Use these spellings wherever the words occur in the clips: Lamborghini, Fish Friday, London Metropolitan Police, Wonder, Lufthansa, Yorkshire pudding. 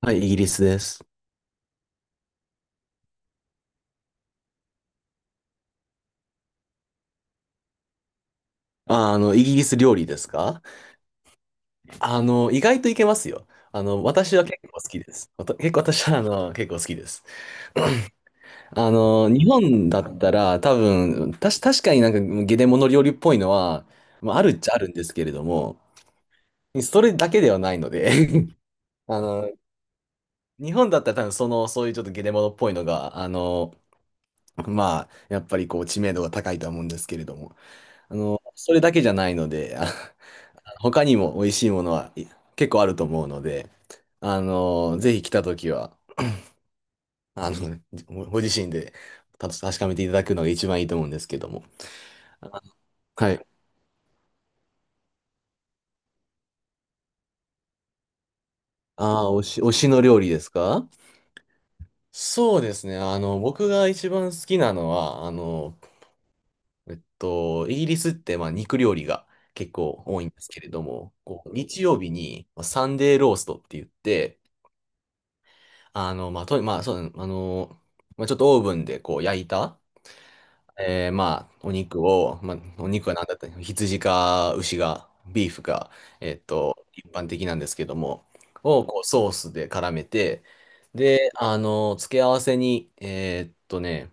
はい、イギリスです。イギリス料理ですか？意外といけますよ。私は結構好きです。わた結構私は、結構好きです。日本だったら多分、確かになんかゲネモノ料理っぽいのは、まあ、あるっちゃあるんですけれども、それだけではないので、 あの、日本だったら多分その、そういうちょっとゲネモノっぽいのが、まあ、やっぱりこう知名度が高いとは思うんですけれども、それだけじゃないので、他にも美味しいものは結構あると思うので、ぜひ来たときは、あの、ご自身で確かめていただくのが一番いいと思うんですけども。あ、はい。ああ、推しの料理ですか？そうですね。僕が一番好きなのは、イギリスって、まあ、肉料理が結構多いんですけれども、こう、日曜日にまあサンデーローストって言って、あの、まあ、と、まあ、そう、あの、まあ、ちょっとオーブンでこう焼いた、まあ、お肉を、まあ、お肉は何だったの、羊か牛が、ビーフか、一般的なんですけども、をこうソースで絡めて、で、付け合わせに、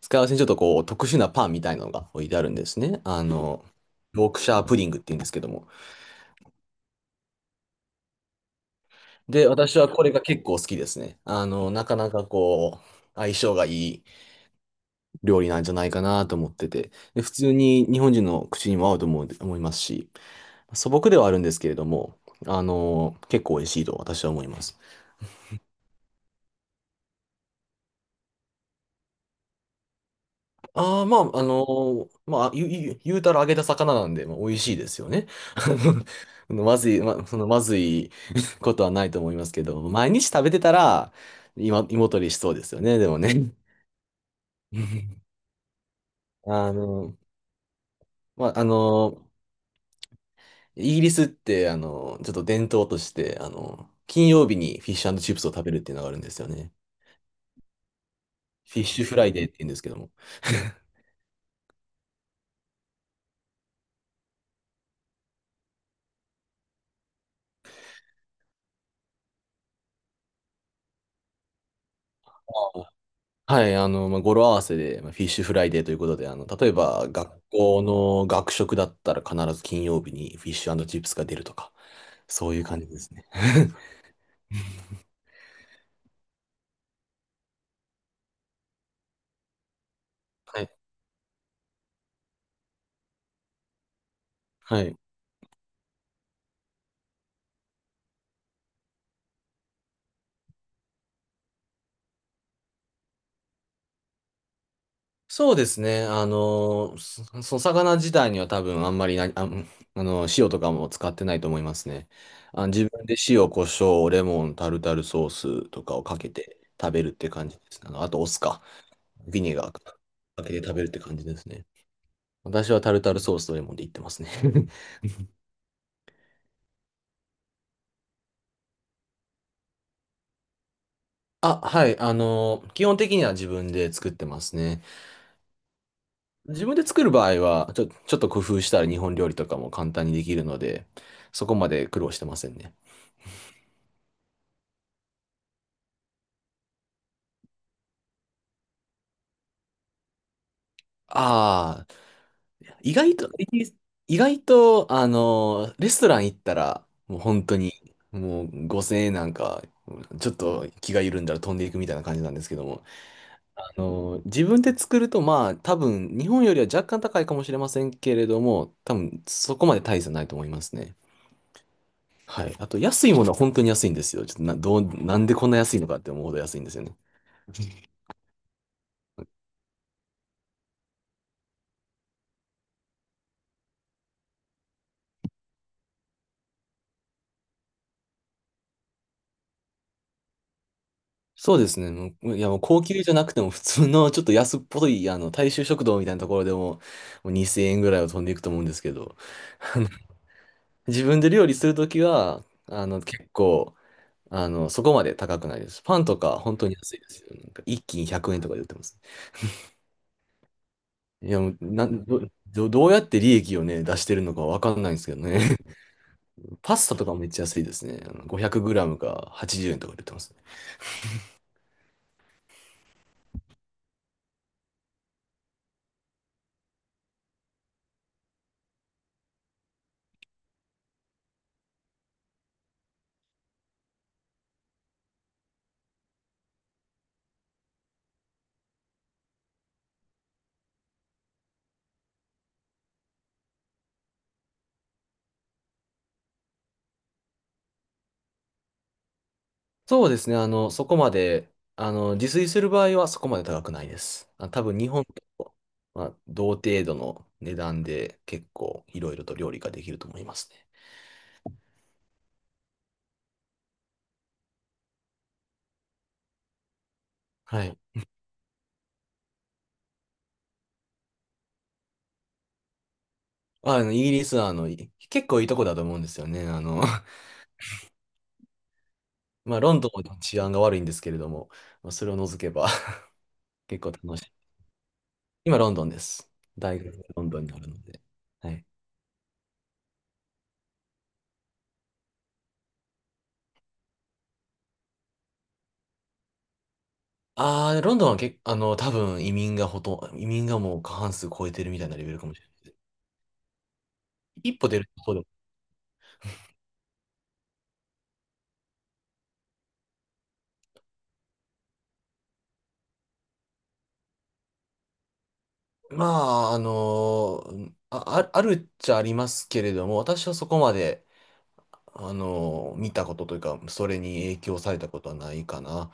付け合わせにちょっとこう、特殊なパンみたいなのが置いてあるんですね。ヨークシャープディングって言うんですけども。で、私はこれが結構好きですね。なかなかこう、相性がいい料理なんじゃないかなと思ってて、で、普通に日本人の口にも合うと思う、思いますし、素朴ではあるんですけれども、結構美味しいと私は思います。ああ、まあ、あの、まあ、ゆゆ言うたら揚げた魚なんで、まあ、美味しいですよね。まずい、ま、そのまずい ことはないと思いますけど、毎日食べてたら、今、胃もたれしそうですよね、でもね。あの、まあ、あの、イギリスって、ちょっと伝統として、金曜日にフィッシュチップスを食べるっていうのがあるんですよね。フィッシュフライデーって言うんですけども。はい、まあ、語呂合わせで、まあ、フィッシュフライデーということで、例えば、学校の学食だったら必ず金曜日にフィッシュチップスが出るとか、そういう感じですね。はい。はい。そうですね。その魚自体には多分あんまりな、あ、ん塩とかも使ってないと思いますね。あ、自分で塩、胡椒、レモン、タルタルソースとかをかけて食べるって感じですね。あと、お酢か、ビネガーかけて食べるって感じですね。私はタルタルソースとレモンでいってますね。あ、はい。基本的には自分で作ってますね。自分で作る場合は、ちょっと工夫したら日本料理とかも簡単にできるので、そこまで苦労してませんね。ああ、意外と、イギリス意外と、レストラン行ったら、もう本当に、もう5000円なんか、ちょっと気が緩んだら飛んでいくみたいな感じなんですけども、自分で作ると、まあ、多分、日本よりは若干高いかもしれませんけれども、多分、そこまで大差ないと思いますね。はい。あと、安いものは本当に安いんですよ。ちょっとな、どう、なんでこんな安いのかって思うほど安いんですよね。そうですね。もう高級じゃなくても普通のちょっと安っぽい、大衆食堂みたいなところでも、もう2000円ぐらいは飛んでいくと思うんですけど、あの自分で料理するときは、結構、そこまで高くないです。パンとか本当に安いですよ。なんか一斤100円とかで売ってます。いや、もう、なん、ど、どどうやって利益をね、出してるのかわかんないんですけどね。パスタとかもめっちゃ安いですね。あの 500g か80円とかで売ってます。そうですね。そこまで、自炊する場合はそこまで高くないです。あ、多分日本と、まあ、同程度の値段で結構いろいろと料理ができると思いますね。はい。イギリスは結構いいとこだと思うんですよね。まあ、ロンドンも治安が悪いんですけれども、まあ、それを除けば、 結構楽しい。今、ロンドンです。大学がロンドンにあるので。はい。ああ、ロンドンはけ、あの、多分移民がほとんど、移民がもう過半数超えてるみたいなレベルかもしれない。一歩出るとまあ、あのあ、あるっちゃありますけれども、私はそこまで、見たことというか、それに影響されたことはないかな。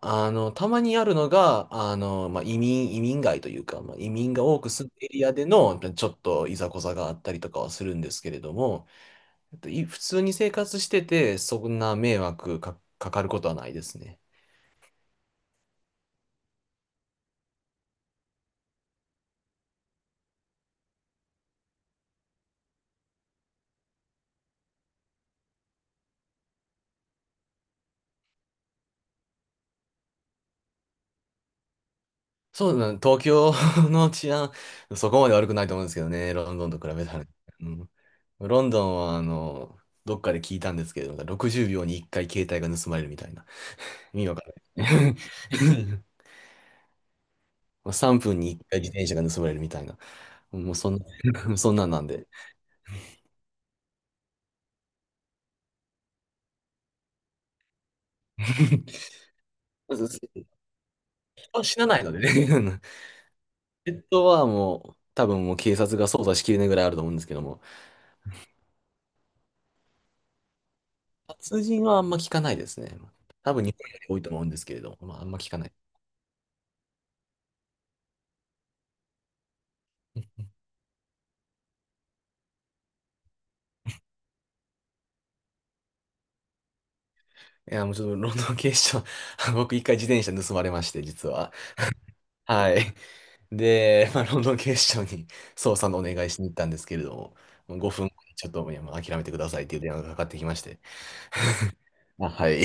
たまにあるのが、まあ、移民街というか、まあ、移民が多く住んでるエリアでの、ちょっといざこざがあったりとかはするんですけれども、えっとい普通に生活してて、そんな迷惑か、かかることはないですね。そうだね、東京 の治安、そこまで悪くないと思うんですけどね、ロンドンと比べたらね。うん、ロンドンは、どっかで聞いたんですけど、60秒に1回携帯が盗まれるみたいな。意味わかんない。3分に1回自転車が盗まれるみたいな。もうそんな、そんなんなんで。まず人は死なないのでね。ペットはもう、多分警察が捜査しきれないぐらいあると思うんですけども、殺人はあんま聞かないですね。多分日本より多いと思うんですけれども、まあ、あんま聞かない。いや、もうちょっとロンドン警視庁、 僕一回自転車盗まれまして、実は。はい。で、まあ、ロンドン警視庁に捜査のお願いしに行ったんですけれども、もう5分ちょっと、いや、もう諦めてくださいっていう電話がかかってきまして。あ、はい。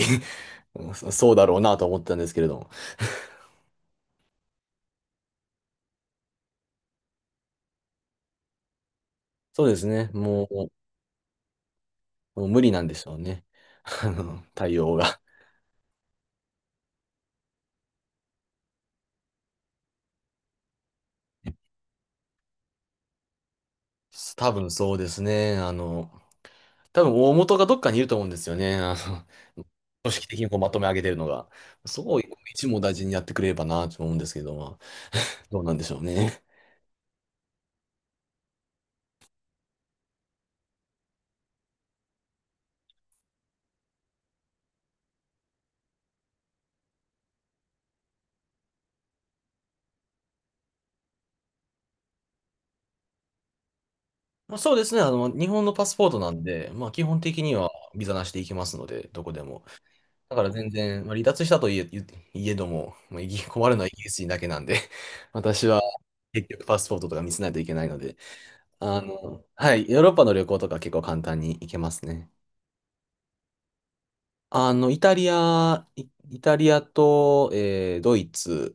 そうだろうなと思ったんですけれども。そうですね。もう無理なんでしょうね。対応が。多分そうですね。多分大元がどっかにいると思うんですよね。組織的にこうまとめ上げてるのが。そこを一網大事にやってくれればなと思うんですけど、まあ、どうなんでしょうね。まあ、そうですね。日本のパスポートなんで、まあ、基本的にはビザなしで行けますので、どこでも。だから全然、まあ、離脱したといえ、言いえども、まあ、困るのはイギリス人だけなんで、私は結局パスポートとか見せないといけないので、はい、ヨーロッパの旅行とか結構簡単に行けますね。イタリアと、ドイツ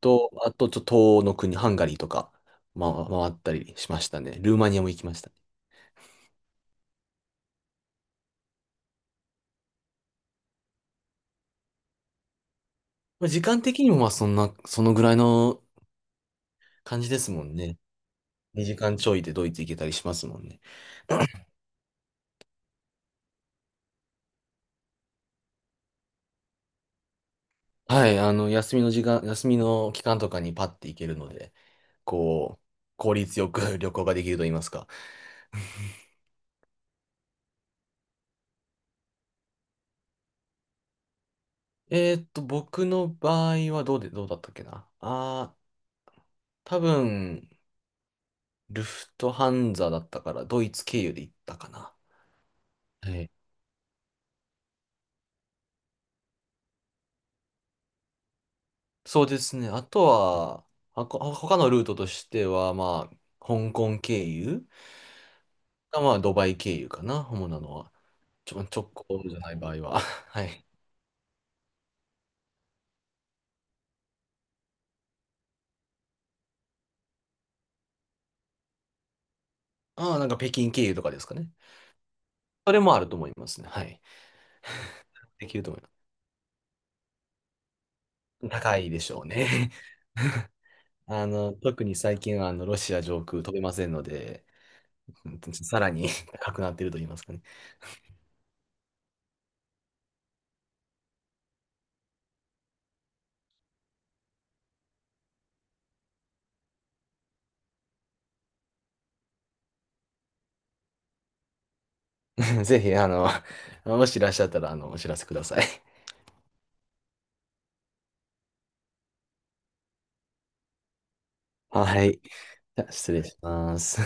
と、あと、ちょっと東欧の国、ハンガリーとか、ま、回ったりしましたね。ルーマニアも行きましたね。まあ、時間的にも、まあ、そんな、そのぐらいの感じですもんね。2時間ちょいでドイツ行けたりしますもんね。はい、休みの期間とかにパッて行けるので、こう、効率よく 旅行ができると言いますか。僕の場合はどうで、どうだったっけな。あー、多分、ルフトハンザだったから、ドイツ経由で行ったかな。はい。そうですね。あとは、他のルートとしては、まあ、香港経由か、まあ、ドバイ経由かな、主なのは。直行じゃない場合は。はい。ああ、なんか北京経由とかですかね。それもあると思いますね。はい。できると思います。高いでしょうね。特に最近はあのロシア上空飛べませんので、さらに 高くなっていると言いますかね。ぜひ、もしいらっしゃったら、お知らせください。はい。じゃあ失礼します。